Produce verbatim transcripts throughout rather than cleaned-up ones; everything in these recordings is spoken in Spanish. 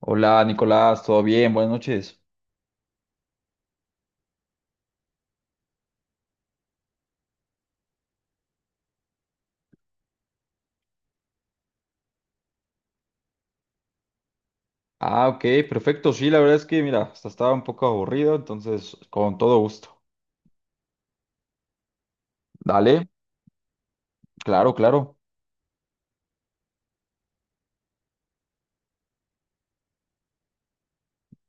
Hola Nicolás, ¿todo bien? Buenas noches. Ah, ok, perfecto. Sí, la verdad es que, mira, hasta estaba un poco aburrido, entonces, con todo gusto. Dale, claro, claro.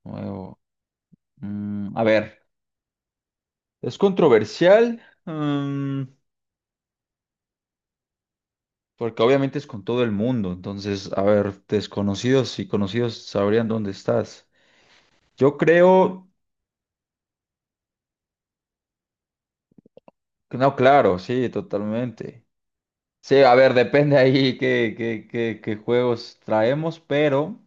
Nuevo. Mm, a ver, es controversial, mm, porque obviamente es con todo el mundo, entonces, a ver, desconocidos y conocidos sabrían dónde estás. Yo creo que no, claro, sí, totalmente. Sí, a ver, depende ahí qué, qué, qué, qué juegos traemos, pero...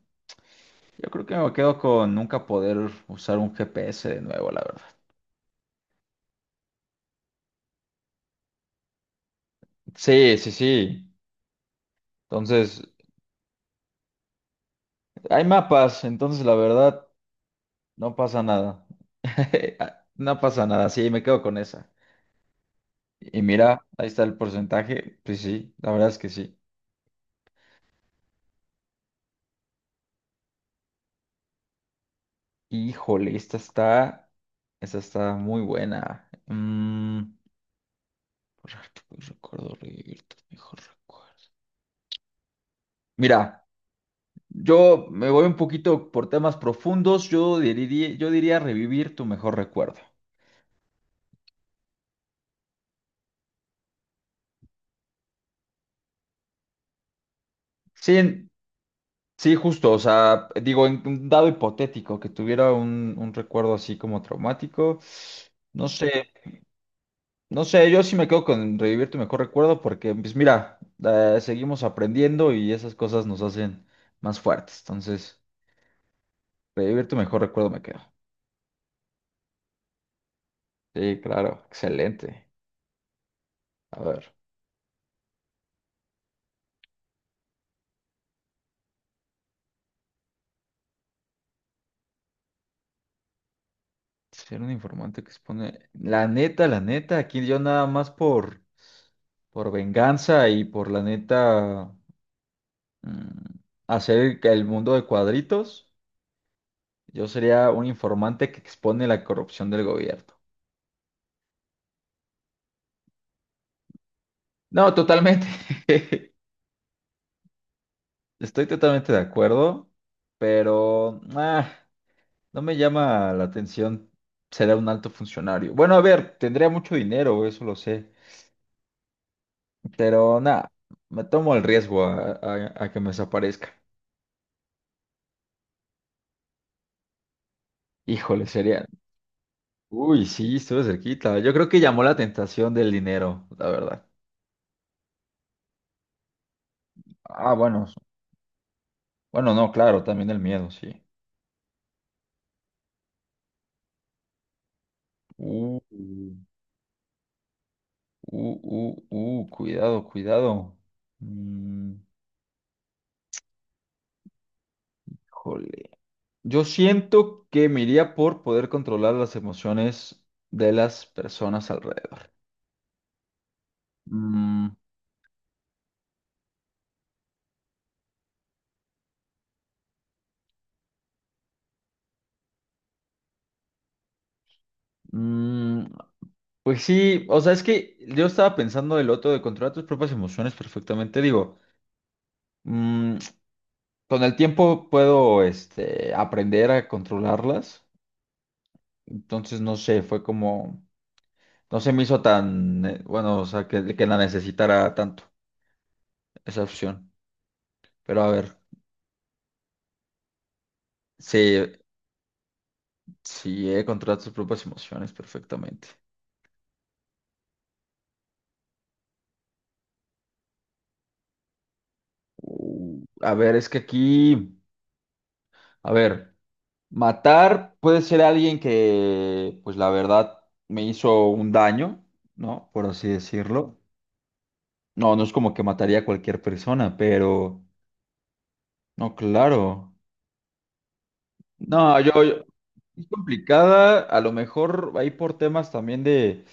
Yo creo que me quedo con nunca poder usar un G P S de nuevo, la verdad. Sí, sí, sí. Entonces, hay mapas, entonces la verdad, no pasa nada. No pasa nada, sí, me quedo con esa. Y mira, ahí está el porcentaje. Pues sí, la verdad es que sí. Híjole, esta está, esta está muy buena. Mm, borrar tu peor recuerdo, revivir tus mejores recuerdos. Mira. Yo me voy un poquito por temas profundos. Yo diría, yo diría revivir tu mejor recuerdo. Sí, en- sí, justo. O sea, digo, en un dado hipotético que tuviera un, un recuerdo así como traumático. No sé, no sé. Yo sí me quedo con revivir tu mejor recuerdo porque, pues mira, eh, seguimos aprendiendo y esas cosas nos hacen más fuertes. Entonces, revivir tu mejor recuerdo me quedo. Sí, claro, excelente. A ver. Ser un informante que expone. La neta, la neta, aquí yo nada más por, por venganza y por la neta, mm, hacer que el mundo de cuadritos, yo sería un informante que expone la corrupción del gobierno. No, totalmente. Estoy totalmente de acuerdo, pero ah, no me llama la atención. Será un alto funcionario. Bueno, a ver, tendría mucho dinero, eso lo sé, pero nada, me tomo el riesgo a a- a que me desaparezca. Híjole, sería. Uy, sí, estuve cerquita. Yo creo que llamó la tentación del dinero, la verdad. Ah, bueno, bueno, no, claro, también el miedo, sí. Uh, uh, uh, uh, cuidado, cuidado. Mm, Híjole. Yo siento que me iría por poder controlar las emociones de las personas alrededor. mm, Mm, pues sí, o sea, es que yo estaba pensando del otro de controlar tus propias emociones perfectamente. Digo, Mm, con el tiempo puedo, este, aprender a controlarlas. Entonces, no sé, fue como, no se me hizo tan, eh, bueno, o sea, que, que la necesitara tanto, esa opción. Pero a ver, sí, sí, he controlado tus propias emociones perfectamente. Uh, a ver, es que aquí, a ver, matar puede ser alguien que, pues la verdad, me hizo un daño, ¿no? Por así decirlo. No, no es como que mataría a cualquier persona, pero no, claro. No, yo, yo- es complicada, a lo mejor ahí por temas también de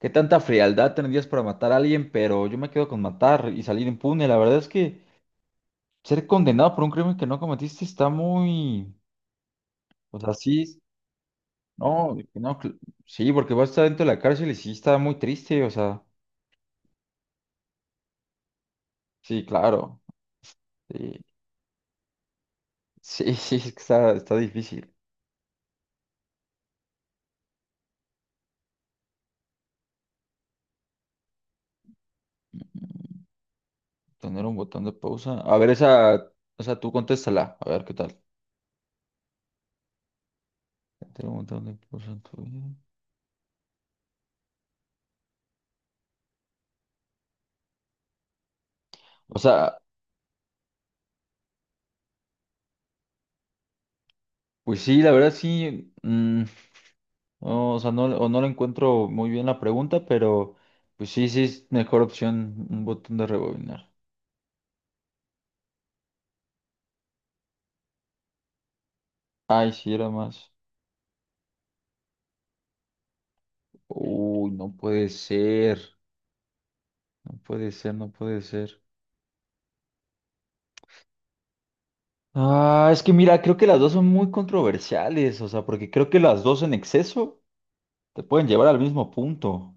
qué tanta frialdad tendrías para matar a alguien, pero yo me quedo con matar y salir impune. La verdad es que ser condenado por un crimen que no cometiste está muy, o sea, sí, no, no, cl- sí, porque vas a estar dentro de la cárcel y sí está muy triste, o sea, sí, claro. Sí, sí, sí, es que está, está difícil. Tener un botón de pausa. A ver, esa, o sea, tú contéstala, a ver qué tal. Tener un botón de pausa en tu vida. O sea, pues sí, la verdad sí, mm, no, o sea, no, o no le encuentro muy bien la pregunta, pero pues sí, sí es mejor opción un botón de rebobinar. Ay, sí, era más. Uy, no puede ser, no puede ser, no puede ser. Ah, es que mira, creo que las dos son muy controversiales, o sea, porque creo que las dos en exceso te pueden llevar al mismo punto.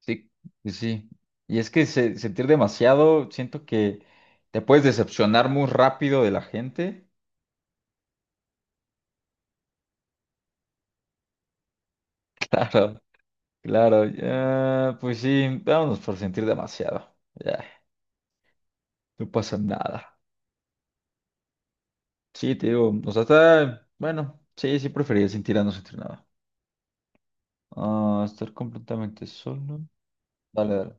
Sí, sí, sí. Y es que se- sentir demasiado, siento que te puedes decepcionar muy rápido de la gente. Claro, claro, ya, pues sí, vámonos por sentir demasiado. Ya, no pasa nada. Sí, te digo, o sea, está, bueno, sí, sí preferiría sentir a no sentir nada. Ah, estar completamente solo. Dale, dale.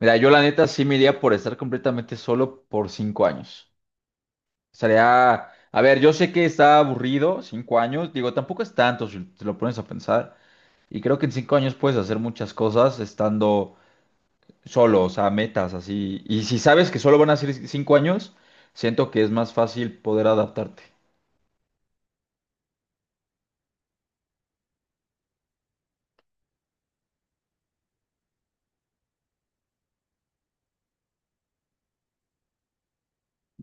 Mira, yo la neta sí me iría por estar completamente solo por cinco años. Sería, a ver, yo sé que está aburrido, cinco años, digo, tampoco es tanto si te lo pones a pensar. Y creo que en cinco años puedes hacer muchas cosas estando solo, o sea, metas así. Y si sabes que solo van a ser cinco años, siento que es más fácil poder adaptarte.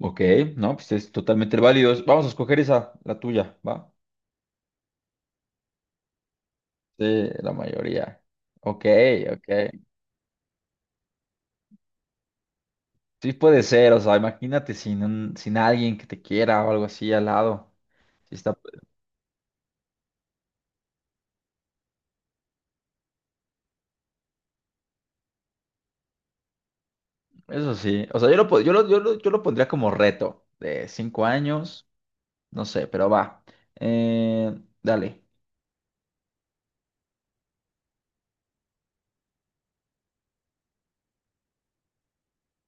Ok, no, pues es totalmente válido. Es- Vamos a escoger esa, la tuya, ¿va? Sí, la mayoría. Ok, ok. Sí puede ser, o sea, imagínate sin un- sin alguien que te quiera o algo así al lado. Sí está. Eso sí, o sea, yo lo, po- yo lo, yo lo- yo lo pondría como reto de cinco años, no sé, pero va. Eh, dale.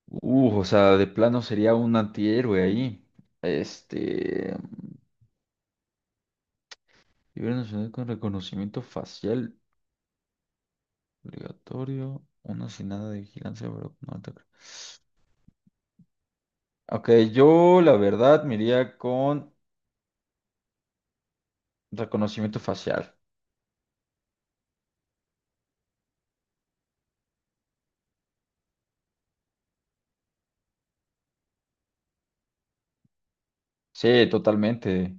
Uh, o sea, de plano sería un antihéroe ahí. Este, nivel nacional con reconocimiento facial obligatorio, uno sin nada de vigilancia, pero no te creo. Ok, yo la verdad me iría con reconocimiento facial. Sí, totalmente.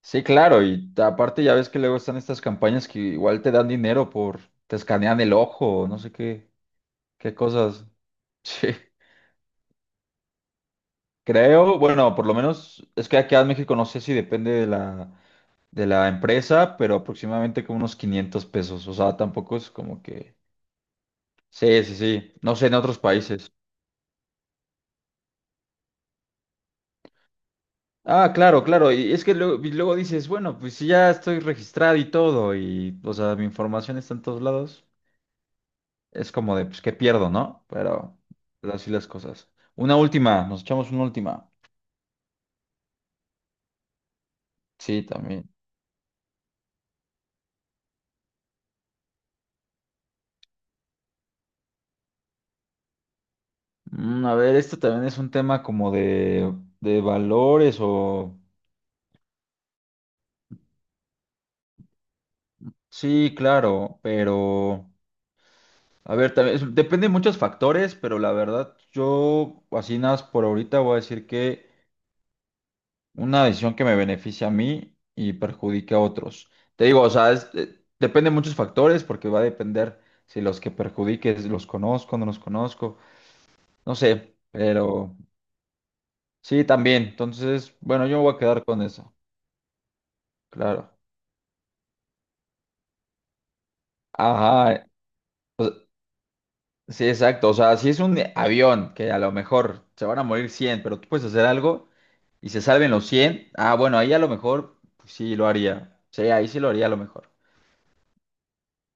Sí, claro, y ta- aparte ya ves que luego están estas campañas que igual te dan dinero por, te escanean el ojo, no sé qué, qué cosas. Sí. Creo, bueno, por lo menos es que aquí en México no sé si depende de la, de la empresa, pero aproximadamente como unos quinientos pesos, o sea, tampoco es como que... Sí, sí, sí, no sé en otros países. Ah, claro, claro, y es que luego, y luego dices, bueno, pues si ya estoy registrado y todo, y, o sea, mi información está en todos lados. Es como de, pues, ¿qué pierdo, no? Pero pero así las cosas. Una última, nos echamos una última. Sí, también. Mm, a ver, esto también es un tema como de, de valores o... Sí, claro, pero... A ver, también es- depende de muchos factores, pero la verdad, yo así nada más por ahorita voy a decir que una decisión que me beneficia a mí y perjudique a otros. Te digo, o sea, es- eh, depende de muchos factores porque va a depender si los que perjudiques los conozco, no los conozco. No sé, pero sí, también. Entonces, bueno, yo me voy a quedar con eso, claro. Ajá, sí, exacto. O sea, si es un avión que a lo mejor se van a morir cien, pero tú puedes hacer algo y se salven los cien, ah, bueno, ahí a lo mejor, pues sí lo haría. Sí, ahí sí lo haría a lo mejor.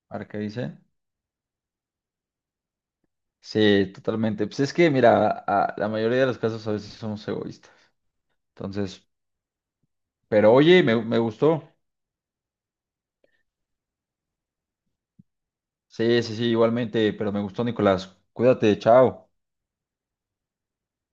¿Ahora qué dice? Sí, totalmente. Pues es que, mira, a- la mayoría de los casos a veces somos egoístas. Entonces, pero oye, me, me gustó. Sí, sí, sí, igualmente, pero me gustó, Nicolás. Cuídate, chao.